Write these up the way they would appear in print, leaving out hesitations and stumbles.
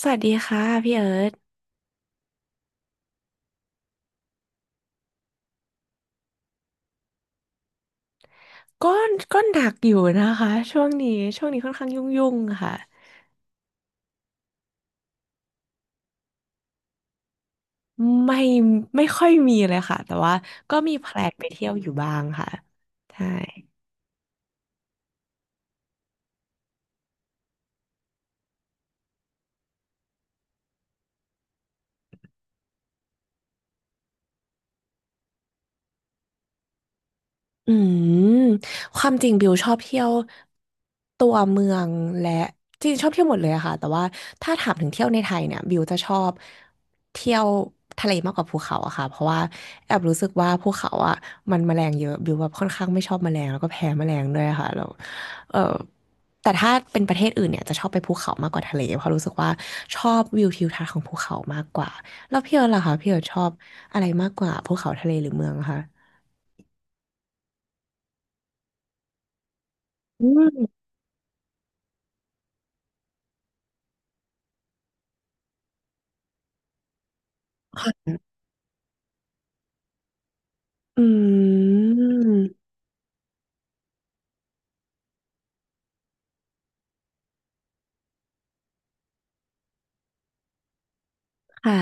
สวัสดีค่ะพี่เอิร์ธก็ก็หนักอยู่นะคะช่วงนี้ค่อนข้างยุ่งๆค่ะไม่ไม่ค่อยมีเลยค่ะแต่ว่าก็มีแพลนไปเที่ยวอยู่บ้างค่ะใช่ อืมความจริงบิวชอบเที่ยวตัวเมืองและจริงชอบเที่ยวหมดเลยอะค่ะแต่ว่าถ้าถามถึงเที่ยวในไทยเนี่ยบิวจะชอบเที่ยวทะเลมากกว่าภูเขาอะค่ะเพราะว่าแอบรู้สึกว่าภูเขาอะมันแมลงเยอะบิวแบบค่อนข้างไม่ชอบแมลงแล้วก็แพ้แมลงด้วยค่ะแล้วเออแต่ถ้าเป็นประเทศอื่นเนี่ยจะชอบไปภูเขามากกว่าทะเลเพราะรู้สึกว่าชอบวิวทิวทัศน์ของภูเขามากกว่าแล้วพี่เอิร์ธล่ะคะพี่เอิร์ธชอบอะไรมากกว่าภูเขาทะเลหรือเมืองคะอืมค่ะ อืมค่ะ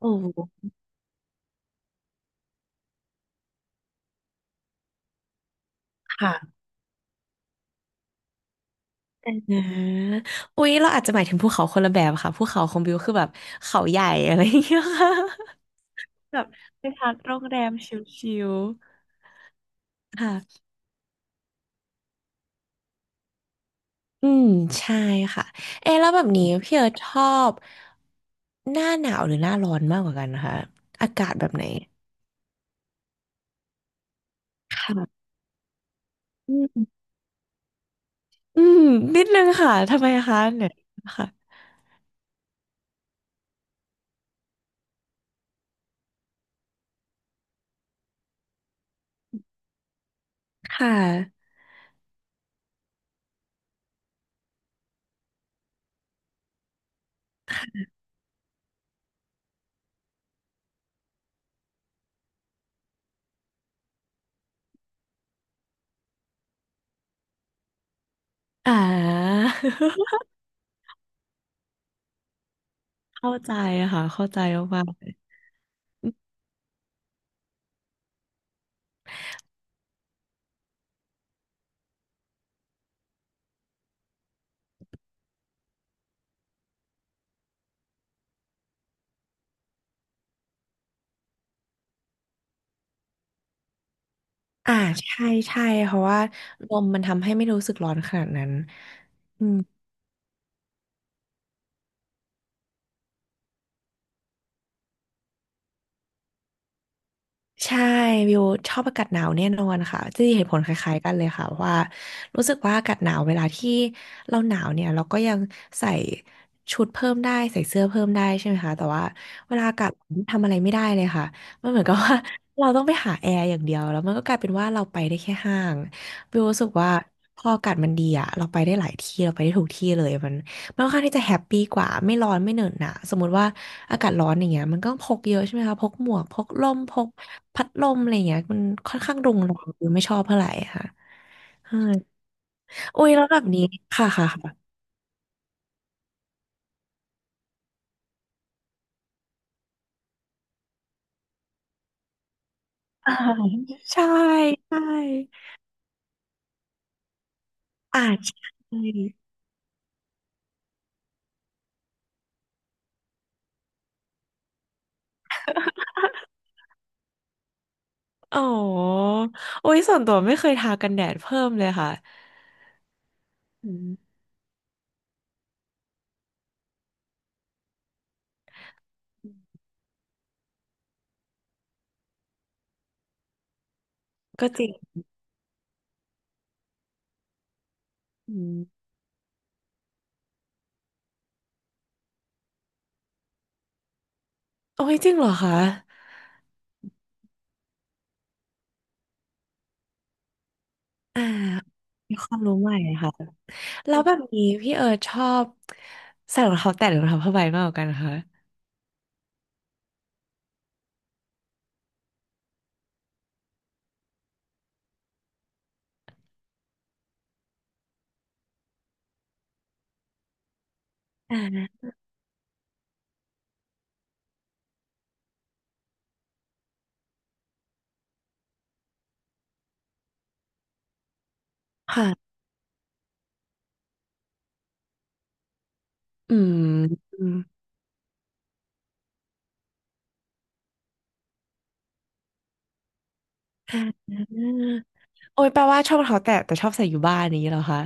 โอ้ค่ะแต่นะอุ๊ยเราอาจจะหมายถึงภูเขาคนละแบบค่ะภูเขาของบิวคือแบบเขาใหญ่อะไรอย่างเงี้ยค่ะแบบไปพักโรงแรมชิลๆค่ะอืมใช่ค่ะเอะแล้วแบบนี้พี่เอร์ธชอบหน้าหนาวหรือหน้าร้อนมากกว่ากันนะคะอากาศแบบไหนค่ะอืมอืมนิดนึงค่ะทำไมคะเนี่ยค่ะค่ะอ่า เข้าใจค่ะเข้าใจมากๆเลยอ่าใช่ใช่เพราะว่าลมมันทำให้ไม่รู้สึกร้อนขนาดนั้นใช่วิวชอบอากาศหนาวแน่นอนค่ะจะเหตุผลคล้ายๆกันเลยค่ะว่ารู้สึกว่าอากาศหนาวเวลาที่เราหนาวเนี่ยเราก็ยังใส่ชุดเพิ่มได้ใส่เสื้อเพิ่มได้ใช่ไหมคะแต่ว่าเวลาอากาศร้อนทำอะไรไม่ได้เลยค่ะมันเหมือนกับว่า เราต้องไปหาแอร์อย่างเดียวแล้วมันก็กลายเป็นว่าเราไปได้แค่ห้างวิวรู้สึกว่าพออากาศมันดีอะเราไปได้หลายที่เราไปได้ทุกที่เลยมัน ค่อนข้างที่จะแฮปปี้กว่าไม่ร้อนไม่เหนอะหนะสมมติว่าอากาศร้อนอย่างเงี้ยมันก็พกเยอะใช่ไหมคะพกหมวกพกร่มพกพัดลมอะไรอย่างเงี้ยมันค่อนข้างรุงรังคือไม่ชอบเท่าไหร่ค่ะใช่อุ้ยแล้วแบบนี้ค่ะค่ะค่ะอ่าใช่ใช่อ่าใช่อ๋ออุ้ยส่วนตัวไม่เคยทากันแดดเพิ่มเลยค่ะอืมก็จริงอืมโอ้ยจริงเหรอคะอ่ามีความรู้ใหม่ค่ะ แล้วแบบนี้พี่เอิร์ธชอบใส่รองเท้าแตะหรือรองเท้าผ้าใบมากกว่ากันคะอ่าค่ะ อืมอืมอ่าโอ้ยแปลว่าชอบรองเท้าแตะแต่ชอบใส่อยู่บ้านนี้เหรอคะ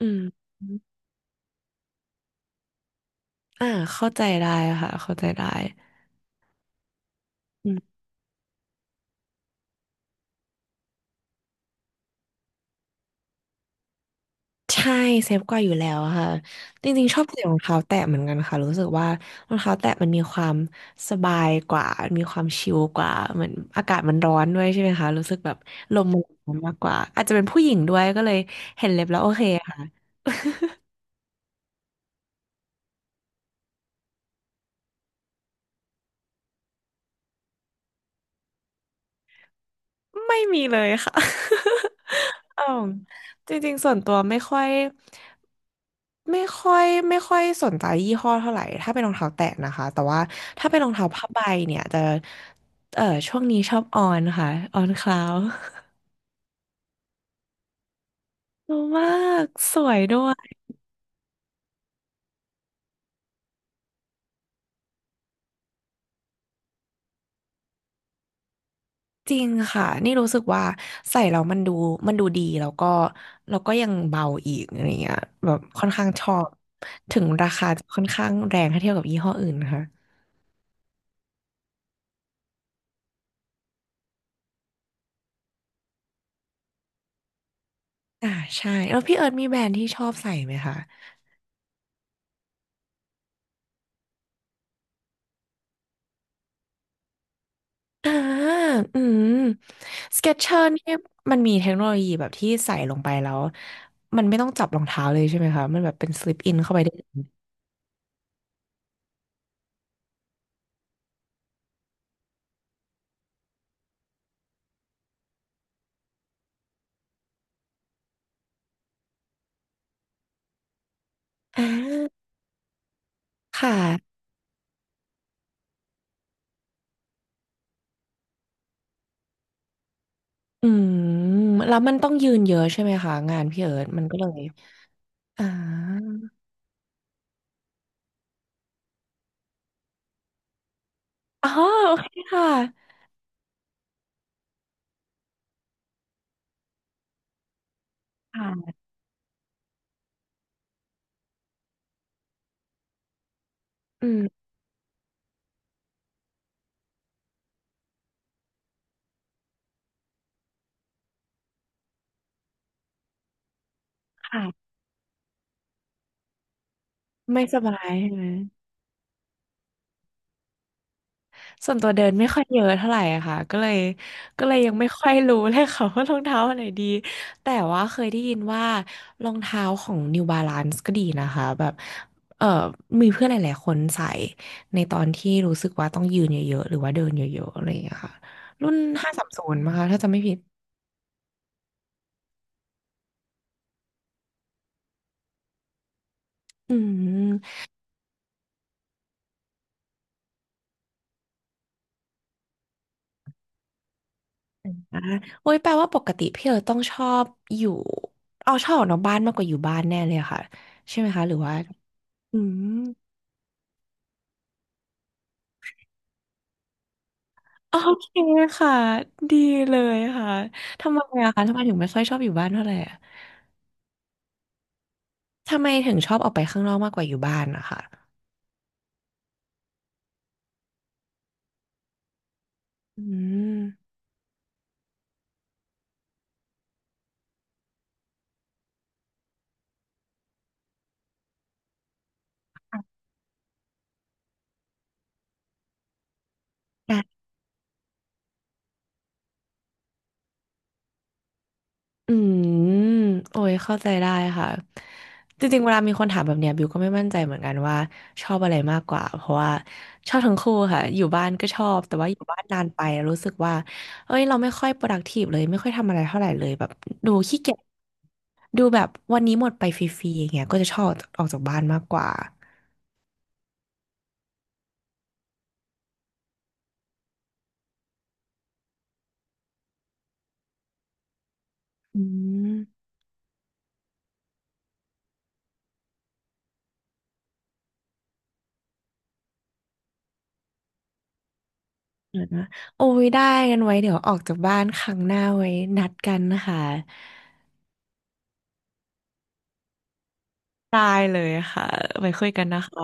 อืมอ่าเข้าใจได้ค่ะ เข้าใจได้ ใช่เซฟกว่าอยู่แล้วค่ะจริงๆชอบใส่รองเท้าแตะเหมือนกันค่ะรู้สึกว่ารองเท้าแตะมันมีความสบายกว่ามีความชิลกว่าเหมือนอากาศมันร้อนด้วยใช่ไหมคะรู้สึกแบบลมมันร้อนมากกว่าอาจจะเป็นผู้หญิงด้วยก็เลยเห็นเล็บแล้วโอเคค่ะ ไม่มีเลยค่ะ อ๋อจริงๆส่วนตัวไม่ค่อยสนใจยี่ห้อเท่าไหร่ ถ้าเป็นรองเท้าแตะนะคะ แต่ว่าถ้าเป็นรองเท้าผ้าใบเนี่ยจะเออช่วงนี้ชอบออนค่ะออนคลาวดูมากสวยด้วย จริงค่ะนี่รู้สึกว่าใส่แล้วมันดูมันดูดีแล้วก็แล้วก็ยังเบาอีกอะไรเงี้ยแบบค่อนข้างชอบ ถึงราคาจะค่อนข้างแรงถ้าเทียบกับยี่ห้ออื่นนะคะ อ่าใช่แล้วพี่เอิร์ธมีแบรนด์ที่ชอบใส่ไหมคะอ่าอืมสเก็ตเชอร์นี่มันมีเทคโนโลยีแบบที่ใส่ลงไปแล้วมันไม่ต้องจับรองเท้าเลยใช่ไหมคะมันแบบเป็นสลิปอินเข้าไปได้เลยอ่าค่ะอืมแล้วมันต้องยืนเยอะใช่ไหมคะงานพี่เอิร์ธมันก็เลยอ่าอ๋อโอเคค่ะอืมค่ะไม่สบายใช่ไหม ส่วนตัวเดินไม่ค่อยเยอะเท่าไหร่อะค่ะก็เลยยังไม่ค่อยรู้เลยค่ะ ว่ารองเท้าอันไหนดีแต่ว่าเคยได้ยินว่ารองเท้าของ New Balance ก็ดีนะคะแบบเออมีเพื่อนหลายๆคนใส่ในตอนที่รู้สึกว่าต้องยืนเยอะๆ หรือว่าเดินเยอะๆอะไรอย่างเงี้ยค่ะรุ่น530มั้งคะถ้าจำไม่ผิดอืมอ่ะโอ้ยแปลว่าปกติพี่เออต้องชอบอยู่เอาชอบออกนอกบ้านมากกว่าอยู่บ้านแน่เลยอะค่ะใช่ไหมคะหรือว่าอืม โอเคค่ะ ดีเลยค่ะ ทำไมอะคะทำไมถึงไม่ค่อยชอบอยู่บ้านเท่าไหร่อะทำไมถึงชอบออกไปข้างนอกมากกว่าอยู่บ้านนะคะอืม อืมโอ้ยเข้าใจได้ค่ะจริงๆเวลามีคนถามแบบเนี้ยบิวก็ไม่มั่นใจเหมือนกันว่าชอบอะไรมากกว่าเพราะว่าชอบทั้งคู่ค่ะอยู่บ้านก็ชอบแต่ว่าอยู่บ้านนานไปแล้วรู้สึกว่าเอ้ยเราไม่ค่อย productive เลยไม่ค่อยทำอะไรเท่าไหร่เลยแบบดูขี้เกียจดูแบบวันนี้หมดไปฟรีๆอย่างเงี้ยก็จะชอบออกจากบ้านมากกว่าอืมเดี๋ยวนะโอ้ยได้กันไว้เดี๋ยวออกจากบ้านครั้งหน้าไว้นัดกันนะคะได้เลยค่ะไว้คุยกันนะคะ